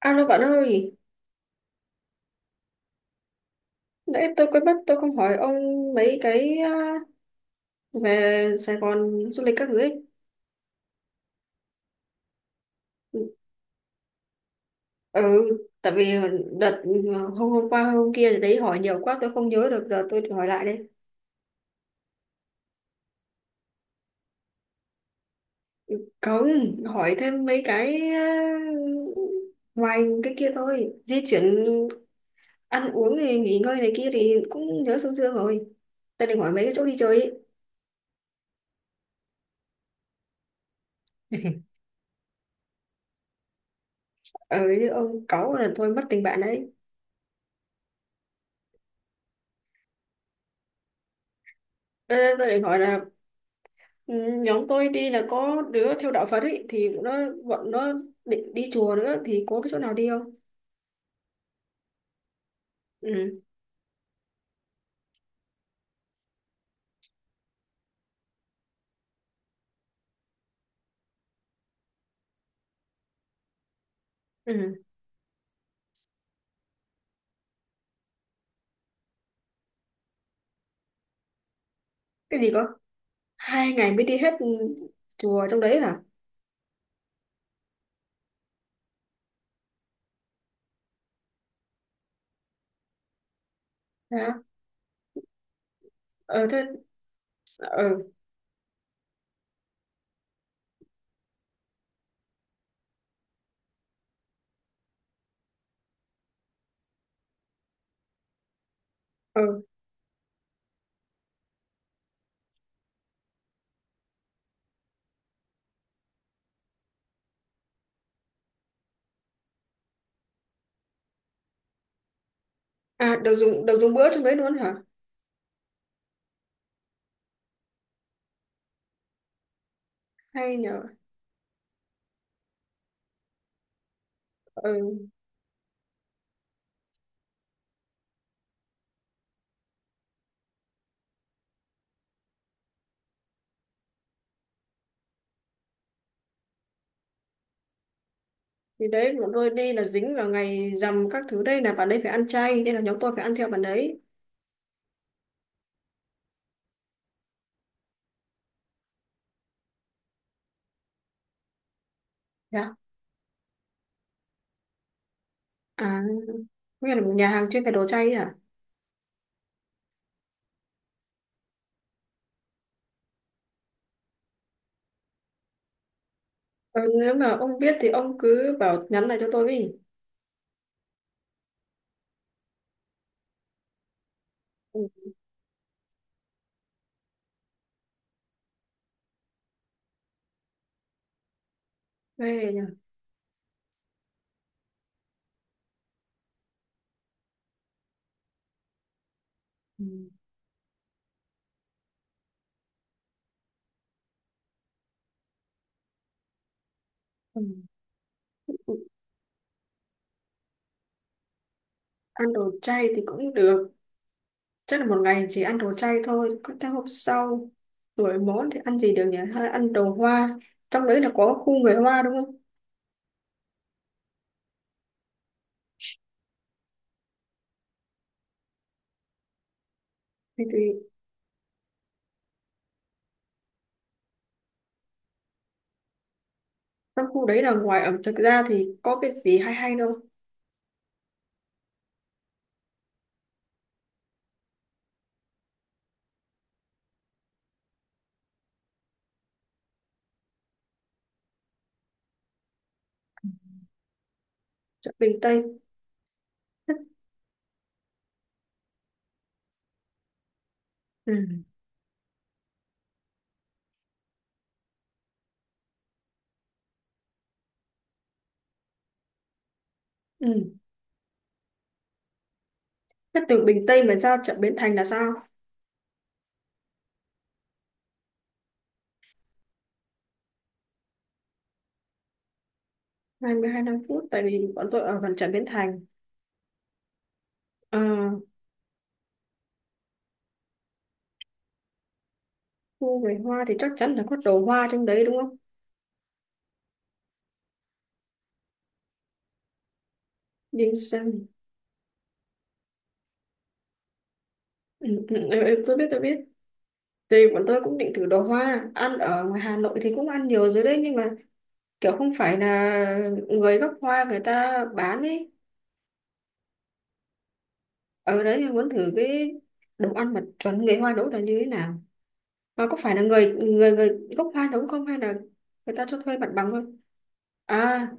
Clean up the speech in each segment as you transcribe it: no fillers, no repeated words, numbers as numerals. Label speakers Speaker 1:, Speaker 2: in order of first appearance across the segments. Speaker 1: Alo bạn ơi, nãy tôi quên mất tôi không hỏi ông mấy cái à, về Sài Gòn du lịch các thứ ấy. Ừ, tại vì đợt à, hôm hôm qua hôm kia đấy hỏi nhiều quá tôi không nhớ được giờ tôi thử hỏi lại đây. Không, hỏi thêm mấy cái à, ngoài cái kia thôi. Di chuyển ăn uống thì nghỉ ngơi này kia thì cũng nhớ sương sương rồi. Tôi định hỏi mấy cái chỗ đi chơi ấy. Ờ, như ông cáu là thôi mất tình bạn đấy. Đây, đây, tôi định hỏi là ừ, nhóm tôi đi là có đứa theo đạo Phật ấy thì nó bọn nó định đi chùa nữa thì có cái chỗ nào đi không? Ừ. Ừ. Cái gì cơ? Hai ngày mới đi hết ừ, chùa trong đấy hả? Hả? Ờ thế ờ ờ à đầu dùng bữa trong đấy luôn hả? Hay nhờ. Ờ thì đấy bọn tôi đi là dính vào ngày rằm các thứ đây là bạn đấy phải ăn chay nên là nhóm tôi phải ăn theo bạn đấy. Dạ. À, nghĩa là một nhà hàng chuyên về đồ chay ấy hả? Ờ, nếu mà ông biết thì ông cứ bảo nhắn lại cho tôi đi. Ừ. Ghê nhờ. Ừ. Ừ. Ăn đồ chay thì cũng được, chắc là một ngày chỉ ăn đồ chay thôi có theo hôm sau đổi món thì ăn gì được nhỉ, hay ăn đồ hoa trong đấy là có khu người hoa đúng không? Thì trong khu đấy là ngoài ẩm thực ra thì có cái gì hay hay đâu? Chợ Bình Tây. Thế- ừ. Ừ. Thế từ Bình Tây mà ra chợ Bến Thành là sao? 22 năm phút tại vì bọn tôi ở gần chợ Bến Thành. Ờ, khu người hoa thì chắc chắn là có đồ hoa trong đấy đúng không? Đi xem. Ừ, ừ, ừ, ừ, tôi biết tôi biết. Thì bọn tôi cũng định thử đồ hoa, ăn ở ngoài Hà Nội thì cũng ăn nhiều rồi đấy nhưng mà kiểu không phải là người gốc hoa người ta bán ấy. Ở đấy thì muốn thử cái đồ ăn mà chuẩn người hoa nấu là như thế nào, mà có phải là người người người gốc hoa nấu không hay là người ta cho thuê mặt bằng thôi? À.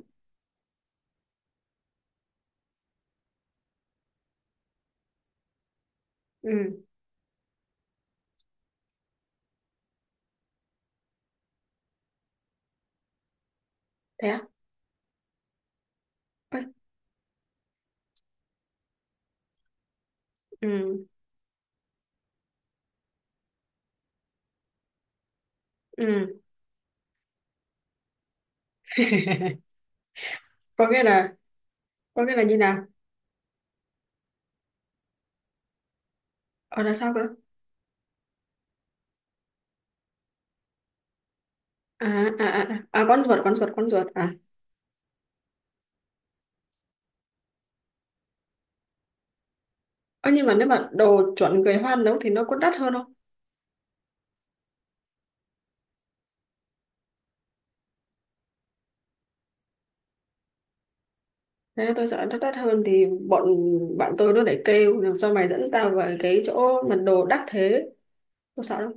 Speaker 1: Ừ. Thế à. Ôi, ừ ừ. Có nghĩa là, có nghĩa là như nào? Ở là sao cơ? À à à à à, con ruột à? Ơ nhưng mà nếu mà đồ chuẩn người hoa nấu thì nó có đắt hơn không? Thế tôi sợ nó đắt hơn thì bọn bạn tôi nó lại kêu làm sao mày dẫn tao vào cái chỗ mà đồ đắt thế, tôi sợ lắm.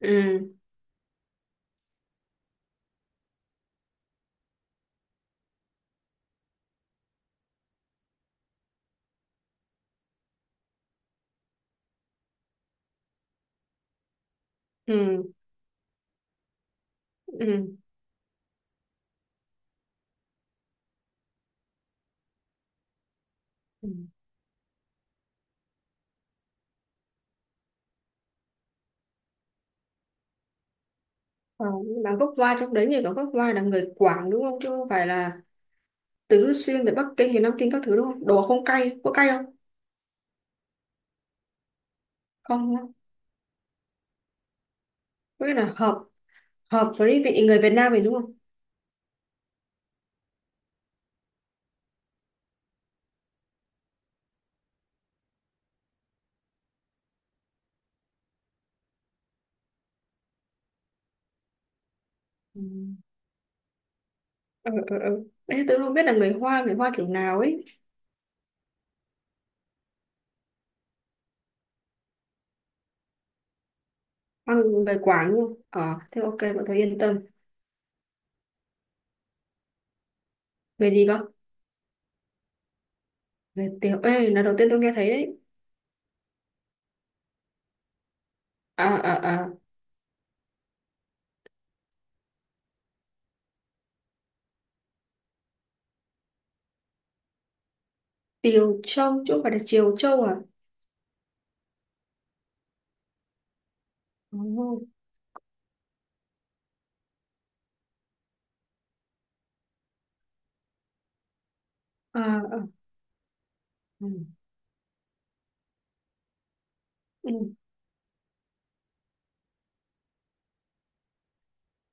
Speaker 1: Ừ ừ ừ. Ừ. Ờ, nhưng mà gốc hoa trong đấy nhỉ, có gốc hoa là người Quảng đúng không, chứ không phải là tứ xuyên, từ Bắc Kinh thì Nam Kinh các thứ đúng không, đồ không cay, có cay không? Không đúng không? Có nghĩa là hợp, hợp với vị người Việt Nam mình đúng không? Ừ. Ừ ừ ừ, đấy tôi không biết là người Hoa kiểu nào ấy. Hoa, người Quảng đúng không? Ờ thế ok bọn tôi yên tâm. Người gì cơ? Người Tiểu Ê là đầu tiên tôi nghe thấy đấy. À à à. Tiều Châu chứ không phải là Triều Châu à? Ừ. À, à. Ừ. Ừ.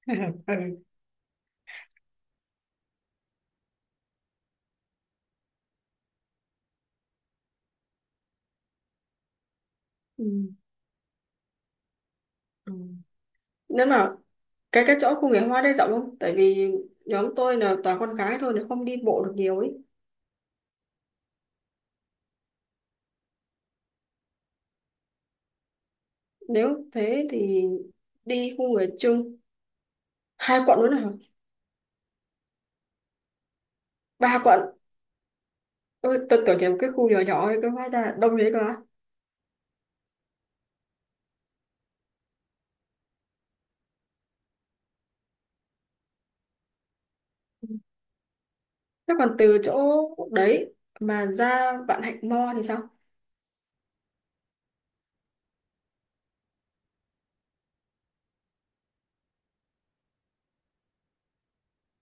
Speaker 1: Ừ. Ừ. Ừ. Nếu mà cái chỗ khu nghệ hoa đấy rộng không, tại vì nhóm tôi là toàn con gái thôi nên không đi bộ được nhiều ấy. Nếu thế thì đi khu người chung hai quận nữa hả? Ba quận? Ôi, tôi tưởng chỉ một cái khu nhỏ nhỏ thôi cơ, hóa ra là đông thế cơ á. Thế còn từ chỗ đấy mà ra Vạn Hạnh Mo thì sao?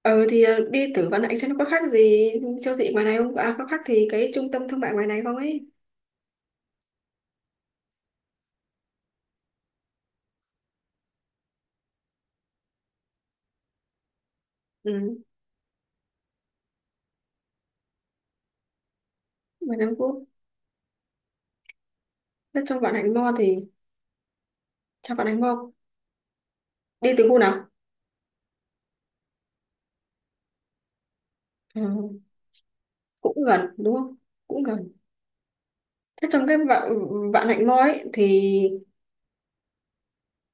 Speaker 1: Ờ thì ờ, đi tử văn anh xem nó có khác gì siêu thị ngoài này không? À có khác thì cái trung tâm thương mại ngoài này không ấy? Ừ, ngoài Nam Quốc. Thế trong Vạn Hạnh Mall thì trong Vạn Hạnh Mall đi từ khu nào? Ừ, cũng gần đúng không? Cũng gần. Thế trong cái Vạn Vạn Hạnh Mall ấy thì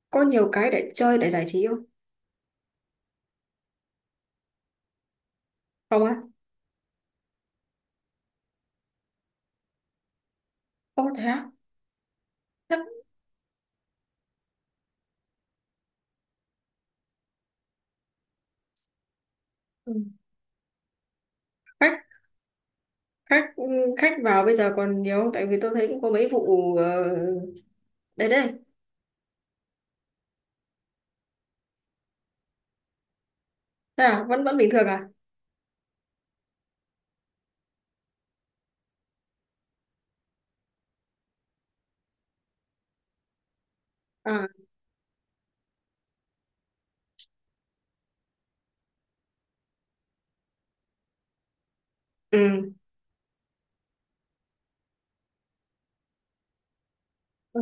Speaker 1: có nhiều cái để chơi để giải trí không? Không á? Không thế á? Chắc ừ. Khách, khách ừ, khách vào bây giờ còn nhiều không? Tại vì tôi thấy cũng có mấy vụ đấy đây. À vẫn vẫn bình thường à? À ừ. Ừ.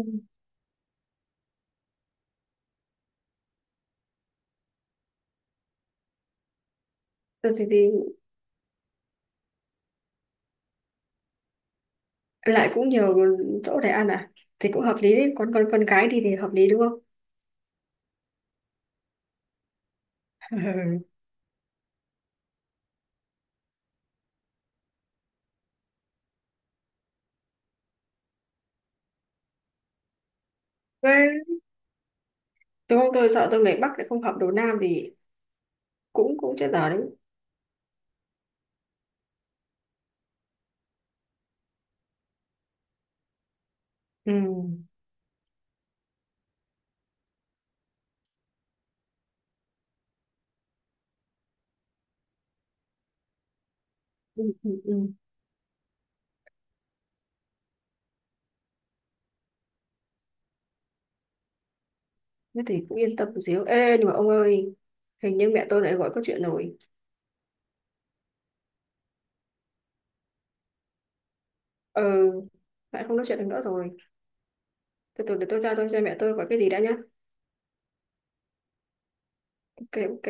Speaker 1: Ừ, thì lại cũng nhiều chỗ để ăn à, thì cũng hợp lý đấy, con gái đi thì hợp lý đúng không? Thế đúng không, tôi sợ tôi người Bắc lại không hợp đồ Nam thì cũng cũng chết dở đấy. Ừ. Ừ, ừ, ừ. Thế thì cũng yên tâm một xíu, ê nhưng mà ông ơi, hình như mẹ tôi lại gọi có chuyện rồi. Ờ, lại không nói chuyện được nữa rồi, từ từ để tôi ra tôi xem mẹ tôi gọi cái gì đã nhá. Ok ok.